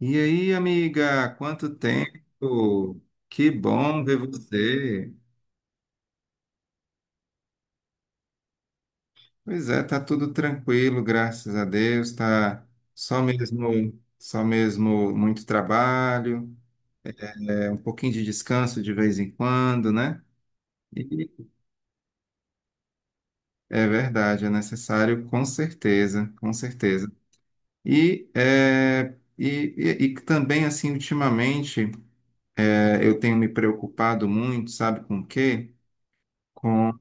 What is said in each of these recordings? E aí, amiga, quanto tempo? Que bom ver você. Pois é, tá tudo tranquilo, graças a Deus. Tá só mesmo muito trabalho, é um pouquinho de descanso de vez em quando, né? E é verdade, é necessário, com certeza, com certeza. E é, e, e também assim, ultimamente, eu tenho me preocupado muito, sabe com o quê? Com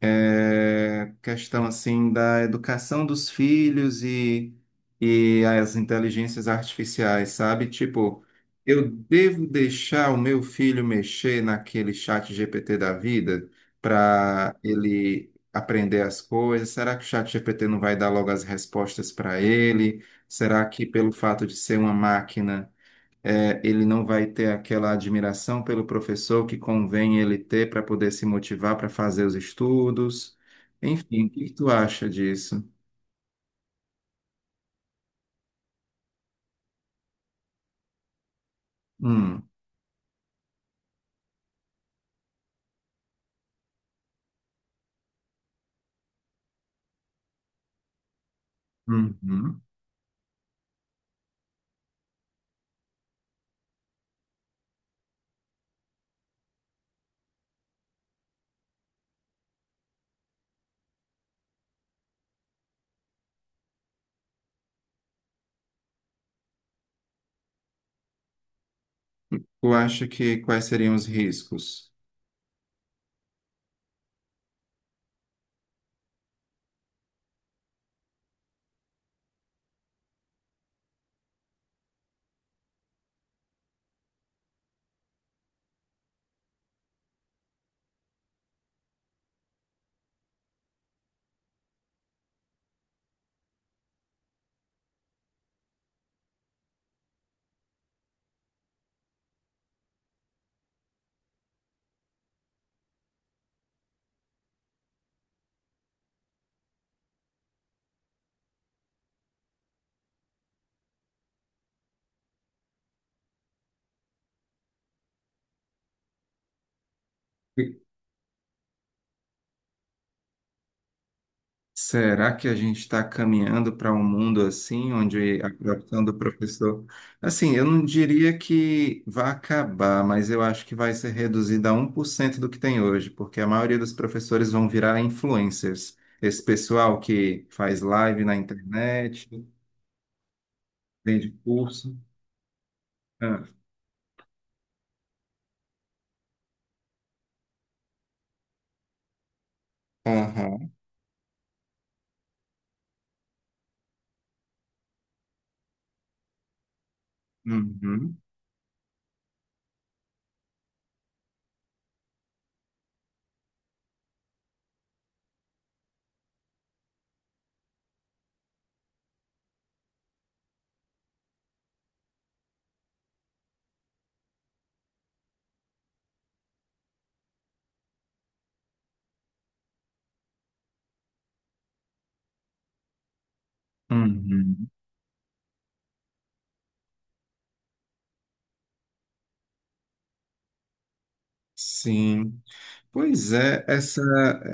questão assim da educação dos filhos e as inteligências artificiais, sabe? Tipo, eu devo deixar o meu filho mexer naquele chat GPT da vida para ele aprender as coisas? Será que o chat GPT não vai dar logo as respostas para ele? Será que pelo fato de ser uma máquina, ele não vai ter aquela admiração pelo professor que convém ele ter para poder se motivar para fazer os estudos. Enfim, o que que tu acha disso? Hum. Uhum. Tu acha que quais seriam os riscos? Será que a gente está caminhando para um mundo assim, onde a profissão do professor. Assim, eu não diria que vai acabar, mas eu acho que vai ser reduzida a 1% do que tem hoje, porque a maioria dos professores vão virar influencers. Esse pessoal que faz live na internet, vende curso. Ah. Aham. Uhum. Uhum. Sim. Pois é, essa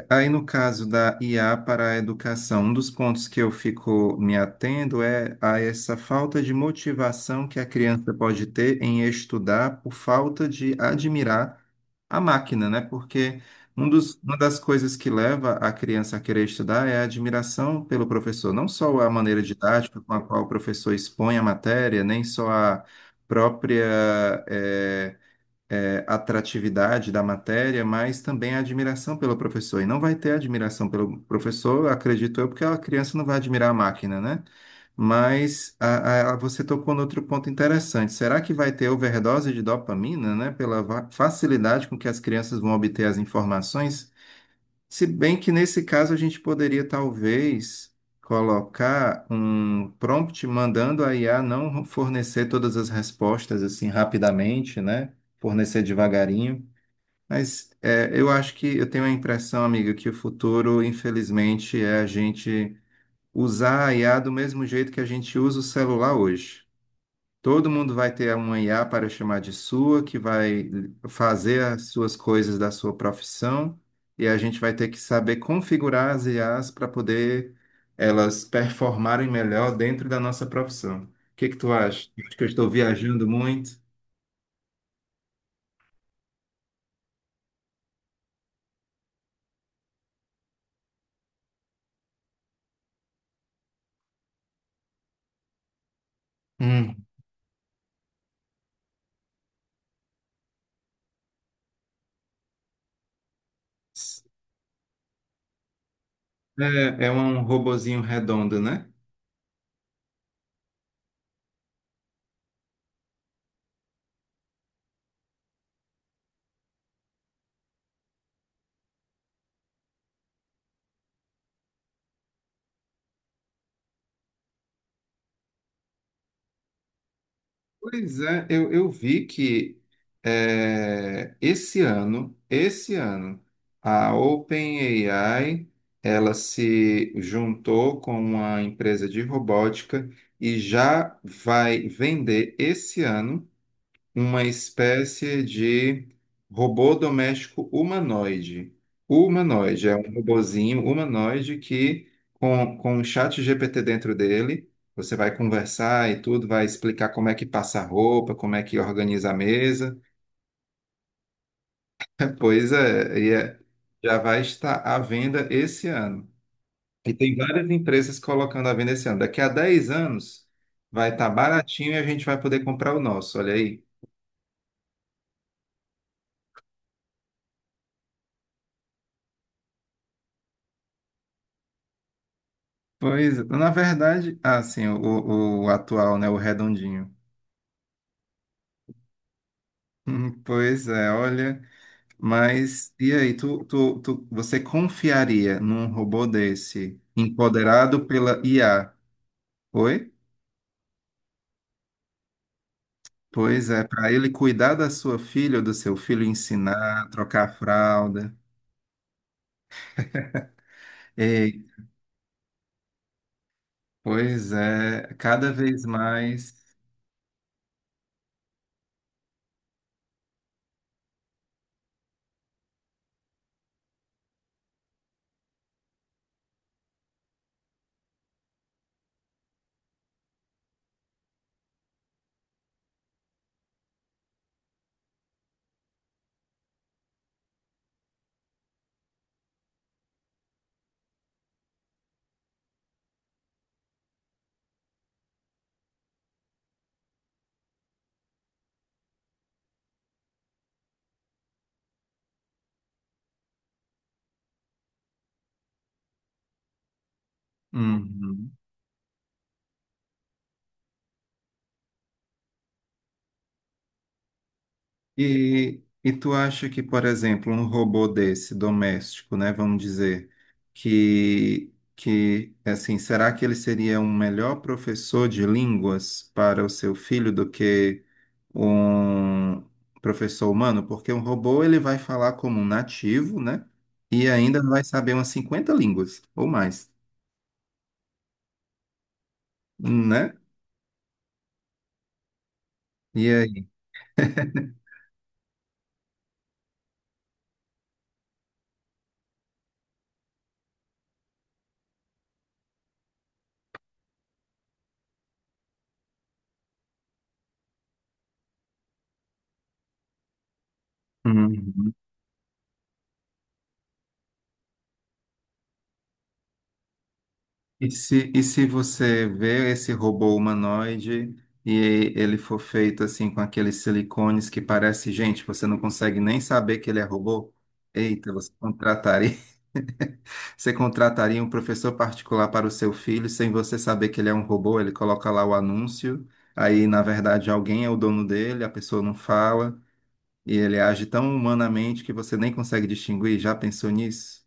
aí no caso da IA para a educação, um dos pontos que eu fico me atendo é a essa falta de motivação que a criança pode ter em estudar por falta de admirar a máquina, né? Porque uma das coisas que leva a criança a querer estudar é a admiração pelo professor, não só a maneira didática com a qual o professor expõe a matéria, nem só a própria, eh, atratividade da matéria, mas também a admiração pelo professor. E não vai ter admiração pelo professor, acredito eu, porque a criança não vai admirar a máquina, né? Mas você tocou no outro ponto interessante. Será que vai ter overdose de dopamina, né? Pela facilidade com que as crianças vão obter as informações? Se bem que nesse caso a gente poderia talvez colocar um prompt mandando a IA não fornecer todas as respostas assim rapidamente, né? Fornecer devagarinho. Mas eu acho que eu tenho a impressão, amiga, que o futuro, infelizmente, é a gente usar a IA do mesmo jeito que a gente usa o celular hoje. Todo mundo vai ter uma IA para chamar de sua, que vai fazer as suas coisas da sua profissão, e a gente vai ter que saber configurar as IAs para poder elas performarem melhor dentro da nossa profissão. O que que tu acha? Acho que eu estou viajando muito. Hum. É, é um robozinho redondo, né? Pois é, eu vi que esse ano, a OpenAI, ela se juntou com uma empresa de robótica e já vai vender esse ano uma espécie de robô doméstico humanoide. Humanoide, é um robozinho humanoide que, com um chat GPT dentro dele, você vai conversar e tudo, vai explicar como é que passa a roupa, como é que organiza a mesa. É, pois é, já vai estar à venda esse ano. E tem várias empresas colocando à venda esse ano. Daqui a 10 anos vai estar baratinho e a gente vai poder comprar o nosso, olha aí. Pois, na verdade, ah, sim, o atual, né, o redondinho. Pois é, olha, mas e aí, você confiaria num robô desse, empoderado pela IA? Oi? Pois é, para ele cuidar da sua filha ou do seu filho, ensinar, trocar a fralda. Ei, pois é, cada vez mais. Uhum. E tu acha que, por exemplo, um robô desse doméstico, né, vamos dizer, que assim, será que ele seria um melhor professor de línguas para o seu filho do que um professor humano? Porque um robô ele vai falar como um nativo, né? E ainda vai saber umas 50 línguas ou mais, né? E aí? Uhum. E se você vê esse robô humanoide e ele for feito assim com aqueles silicones que parece gente, você não consegue nem saber que ele é robô? Eita, você contrataria, você contrataria um professor particular para o seu filho sem você saber que ele é um robô? Ele coloca lá o anúncio, aí na verdade alguém é o dono dele, a pessoa não fala e ele age tão humanamente que você nem consegue distinguir. Já pensou nisso?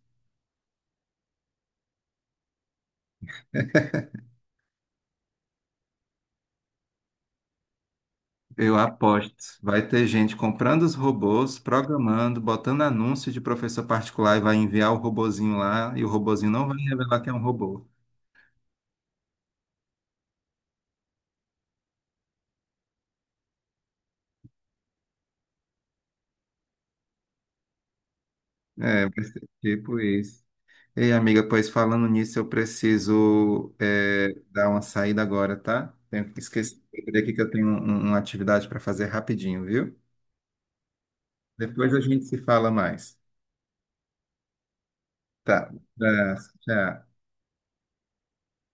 Eu aposto. Vai ter gente comprando os robôs, programando, botando anúncio de professor particular e vai enviar o robozinho lá e o robozinho não vai revelar que é um robô. É, vai ser tipo isso. Ei, amiga, pois falando nisso, eu preciso dar uma saída agora, tá? Tenho que esquecer aqui que eu tenho uma atividade para fazer rapidinho, viu? Depois a gente se fala mais. Tá. Abraço, tchau.